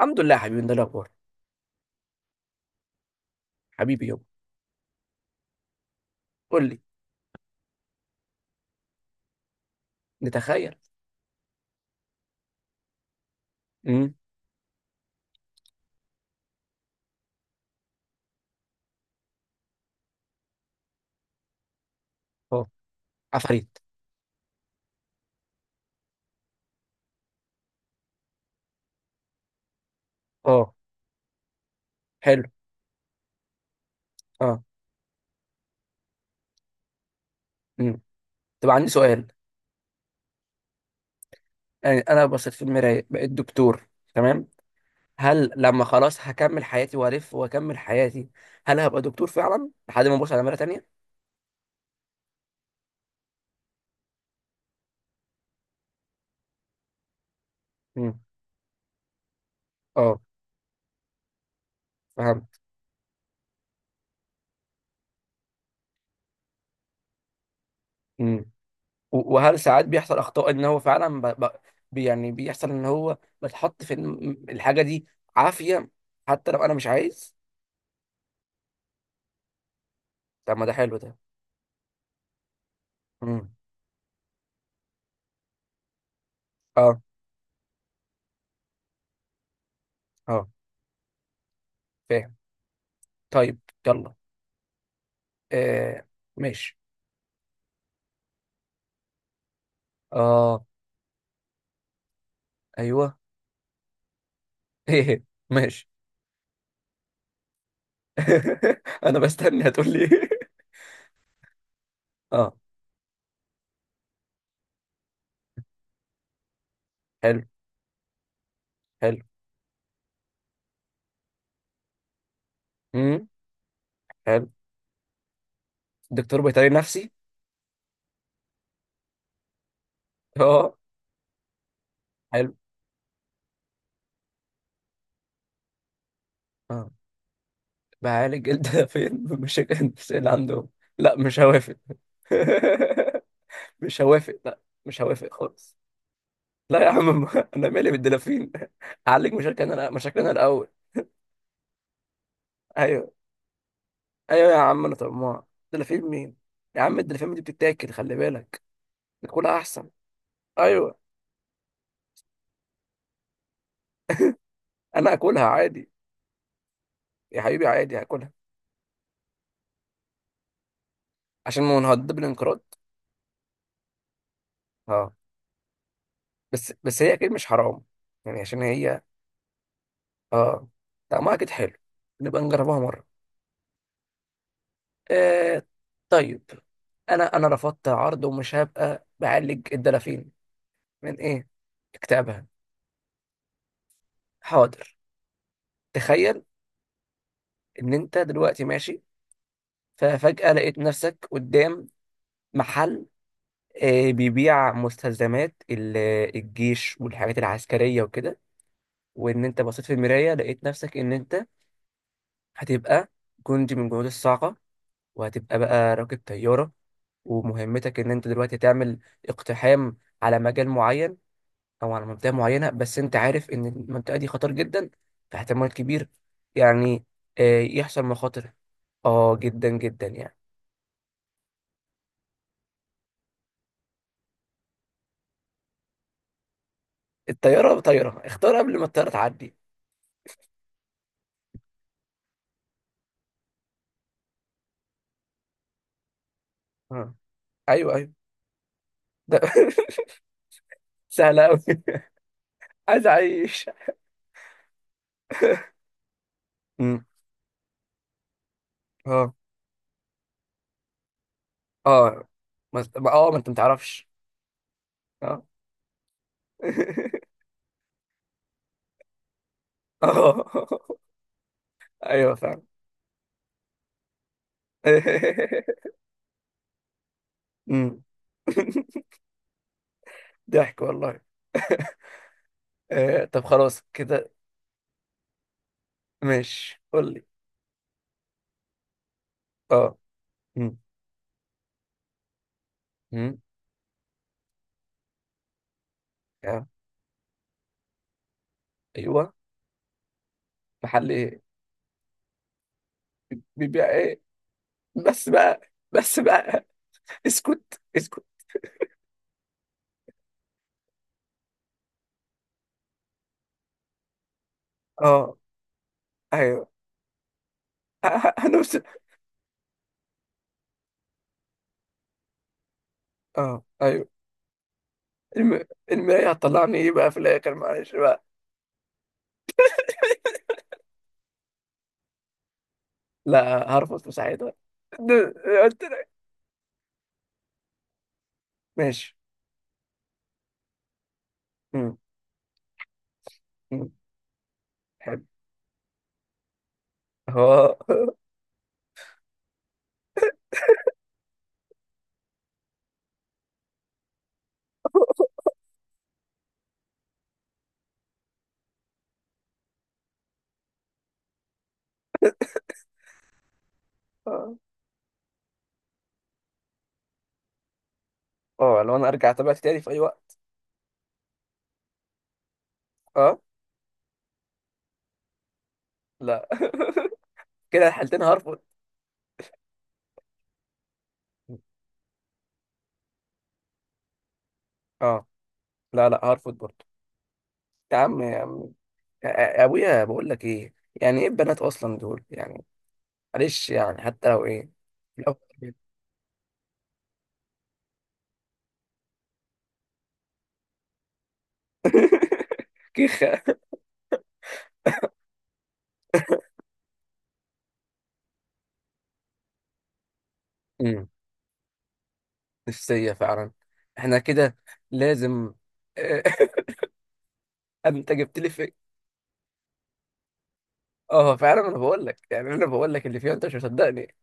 الحمد لله يا حبيبي، ده الاخبار. حبيبي يابا. قول لي. نتخيل. امم. اه. عفاريت. اه. حلو. اه. امم. طب، عندي سؤال. يعني انا بصيت في المرايه بقيت دكتور. تمام. هل لما خلاص هكمل حياتي والف واكمل حياتي، هل هبقى دكتور فعلا لحد ما ابص على مرايه تانية؟ امم. اه. فهمت. امم. وهل ساعات بيحصل اخطاء ان هو فعلا يعني بيحصل ان هو بتحط في الحاجه دي عافيه حتى لو انا مش عايز. طب ما ده حلو ده. امم. اه. اه. فاهم. طيب. يلا. آه. ماشي. اه. ايوه. ايه. ماشي. انا بستني هتقول لي إيه. اه. حلو حلو. امم. حلو، دكتور بيطري نفسي. اه حلو اه. بعالج الدافين بمشاكل النفسية اللي عندهم. لا، مش هوافق. مش هوافق، لا. مش هوافق خالص. لا يا عم، انا مالي بالدلافين. اعالج مشاكلنا انا، مشاكلنا الاول. ايوه. ايوه يا عم، انا طماع. دلافين مين؟ يا عم الدلافين دي بتتاكل، خلي بالك. ناكلها احسن. ايوه. انا اكلها عادي. يا حبيبي عادي هاكلها. عشان ما نهدد بالانقراض. اه، بس بس هي اكيد مش حرام. يعني عشان هي. اه. طعمها اكيد حلو. نبقى نجربها مره. آه. طيب. انا رفضت عرض ومش هبقى بعالج الدلافين. من ايه؟ اكتئابها. حاضر. تخيل ان انت دلوقتي ماشي. ففجأة لقيت نفسك قدام محل بيبيع مستلزمات الجيش والحاجات العسكرية وكده. وان انت بصيت في المرايه، لقيت نفسك ان انت هتبقى جندي من جنود الصاعقه. وهتبقى بقى راكب طياره ومهمتك ان انت دلوقتي تعمل اقتحام على مجال معين او على منطقه معينه، بس انت عارف ان المنطقه دي خطر جدا. في احتمال كبير يعني يحصل مخاطر. اه، جدا جدا يعني. طياره، اختار قبل ما الطياره تعدي. آه. ايوه ايوه. ده سهله قوي. عايز اعيش. مم. اه اه. ما- اه، ما انت متعرفش. اه. اه، ايوه فعلا. أمم. ضحك والله. طب خلاص كده. ماشي، قول لي. اه. أمم. أمم. آه، ايوه. محل ايه؟ بيبيع ايه؟ بس بقى، بس بقى. اسكت اسكت. اه، ايوه. هنوصل. اه، ايوه. الم... المراية هتطلعني ايه بقى في الاخر، معلش بقى؟ لا، هرفض مساعدة. قلت لك. ماشي. أمم. أمم. حلو. اه. اه. اه، لو انا ارجع اتابع تاني في اي وقت. اه. لا. كده الحالتين هرفض. اه، لا لا هرفض برضه. يا عم يا عم. يا ابويا، بقول لك ايه؟ يعني ايه البنات اصلا دول يعني؟ معلش يعني حتى لو ايه. لو. كيخه. أمم. نفسيه فعلا. احنا كده لازم. انت جبت لي في. اه فعلا، انا بقول لك يعني انا بقول لك اللي فيها انت مش مصدقني.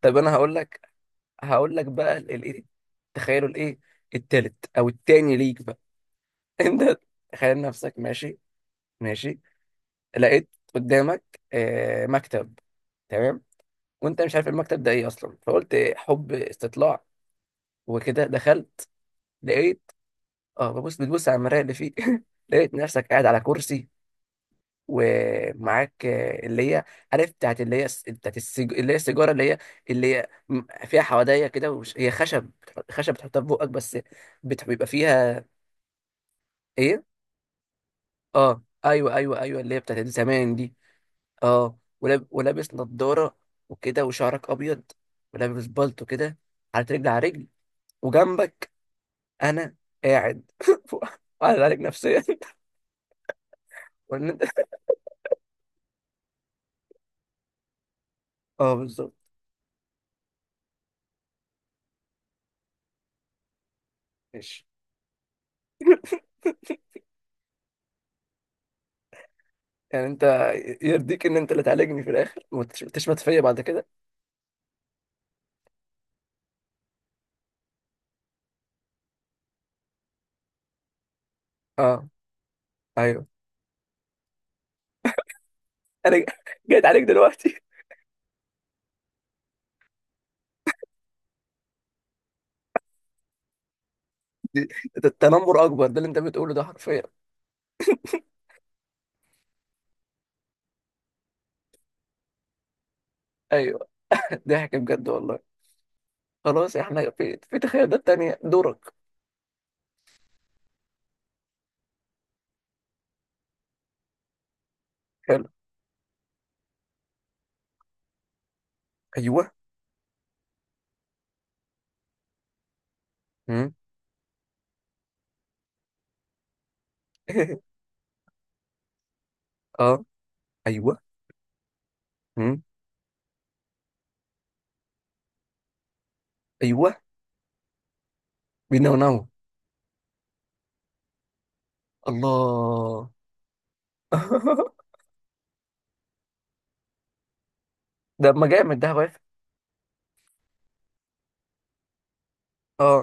طب انا هقول لك. هقول لك بقى الايه. تخيلوا الايه. التالت او التاني ليك بقى. انت تخيل نفسك ماشي. ماشي. لقيت قدامك مكتب. تمام. وانت مش عارف المكتب ده ايه اصلا، فقلت حب استطلاع. وكده دخلت. لقيت. اه، بتبص على المرايه اللي فيه. لقيت نفسك قاعد على كرسي ومعاك اللي هي عارف بتاعت اللي هي بتاعت اللي هي السيجاره اللي هي اللي هي فيها حوادية كده هي خشب. خشب بتحطها في بقك بس. بيبقى فيها. ايه؟ اه، ايوه ايوه ايوه، اللي هي بتاعت زمان دي. اه، ولابس نضارة وكده وشعرك أبيض. ولابس بالطو كده، حاطط رجل على رجل. وجنبك أنا قاعد وقاعد عليك نفسيا. وإن أنت. اه، بالظبط. ماشي. يعني أنت يرضيك إن أنت اللي تعالجني في الآخر وتشمت فيا بعد كده؟ اه، أيوه. أنا جيت عليك دلوقتي. دي- ده التنمر أكبر، ده اللي أنت بتقوله ده حرفيا. أيوه. ضحك بجد والله. خلاص، إحنا في تخيلات تانية. دورك. حلو. أيوه. مم. اه. ايوه. مم. ايوه. بينا وناو. الله. ده، ما جامد ده، واقف. اه.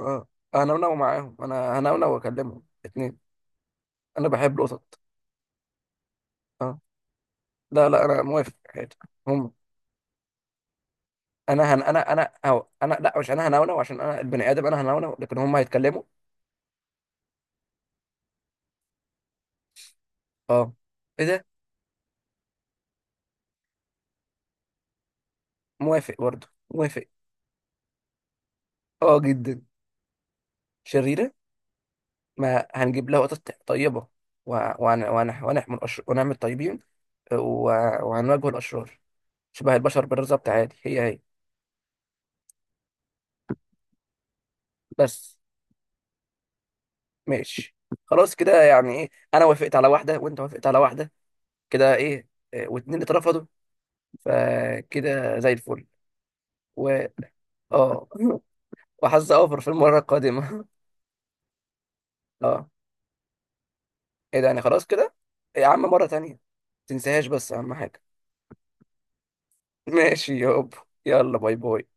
اه انا وناو معاهم، انا هنونو واكلمهم اتنين. انا بحب القطط. اه، لا لا انا موافق عادي. هم. انا أو انا، لا، مش انا هنونو عشان انا البني ادم انا هنونو لكن هم هيتكلموا. اه. ايه ده؟ موافق برضه. موافق. اه، جدا. شريره. ما هنجيب لها قطط طيبه. وهنعمل ونعمل طيبين. و- وهنواجه الاشرار. شبه البشر بالظبط، عادي، هي هي. بس. ماشي. خلاص كده، يعني ايه؟ انا وافقت على واحده وانت وافقت على واحده. كده، ايه؟ واتنين اللي اترفضوا، فكده زي الفل. و اه وحظ اوفر في المره القادمه. اه. ايه ده؟ يعني خلاص كده. يا عم مره تانية، تنساهاش بس اهم حاجه. ماشي يابا. يلا باي باي.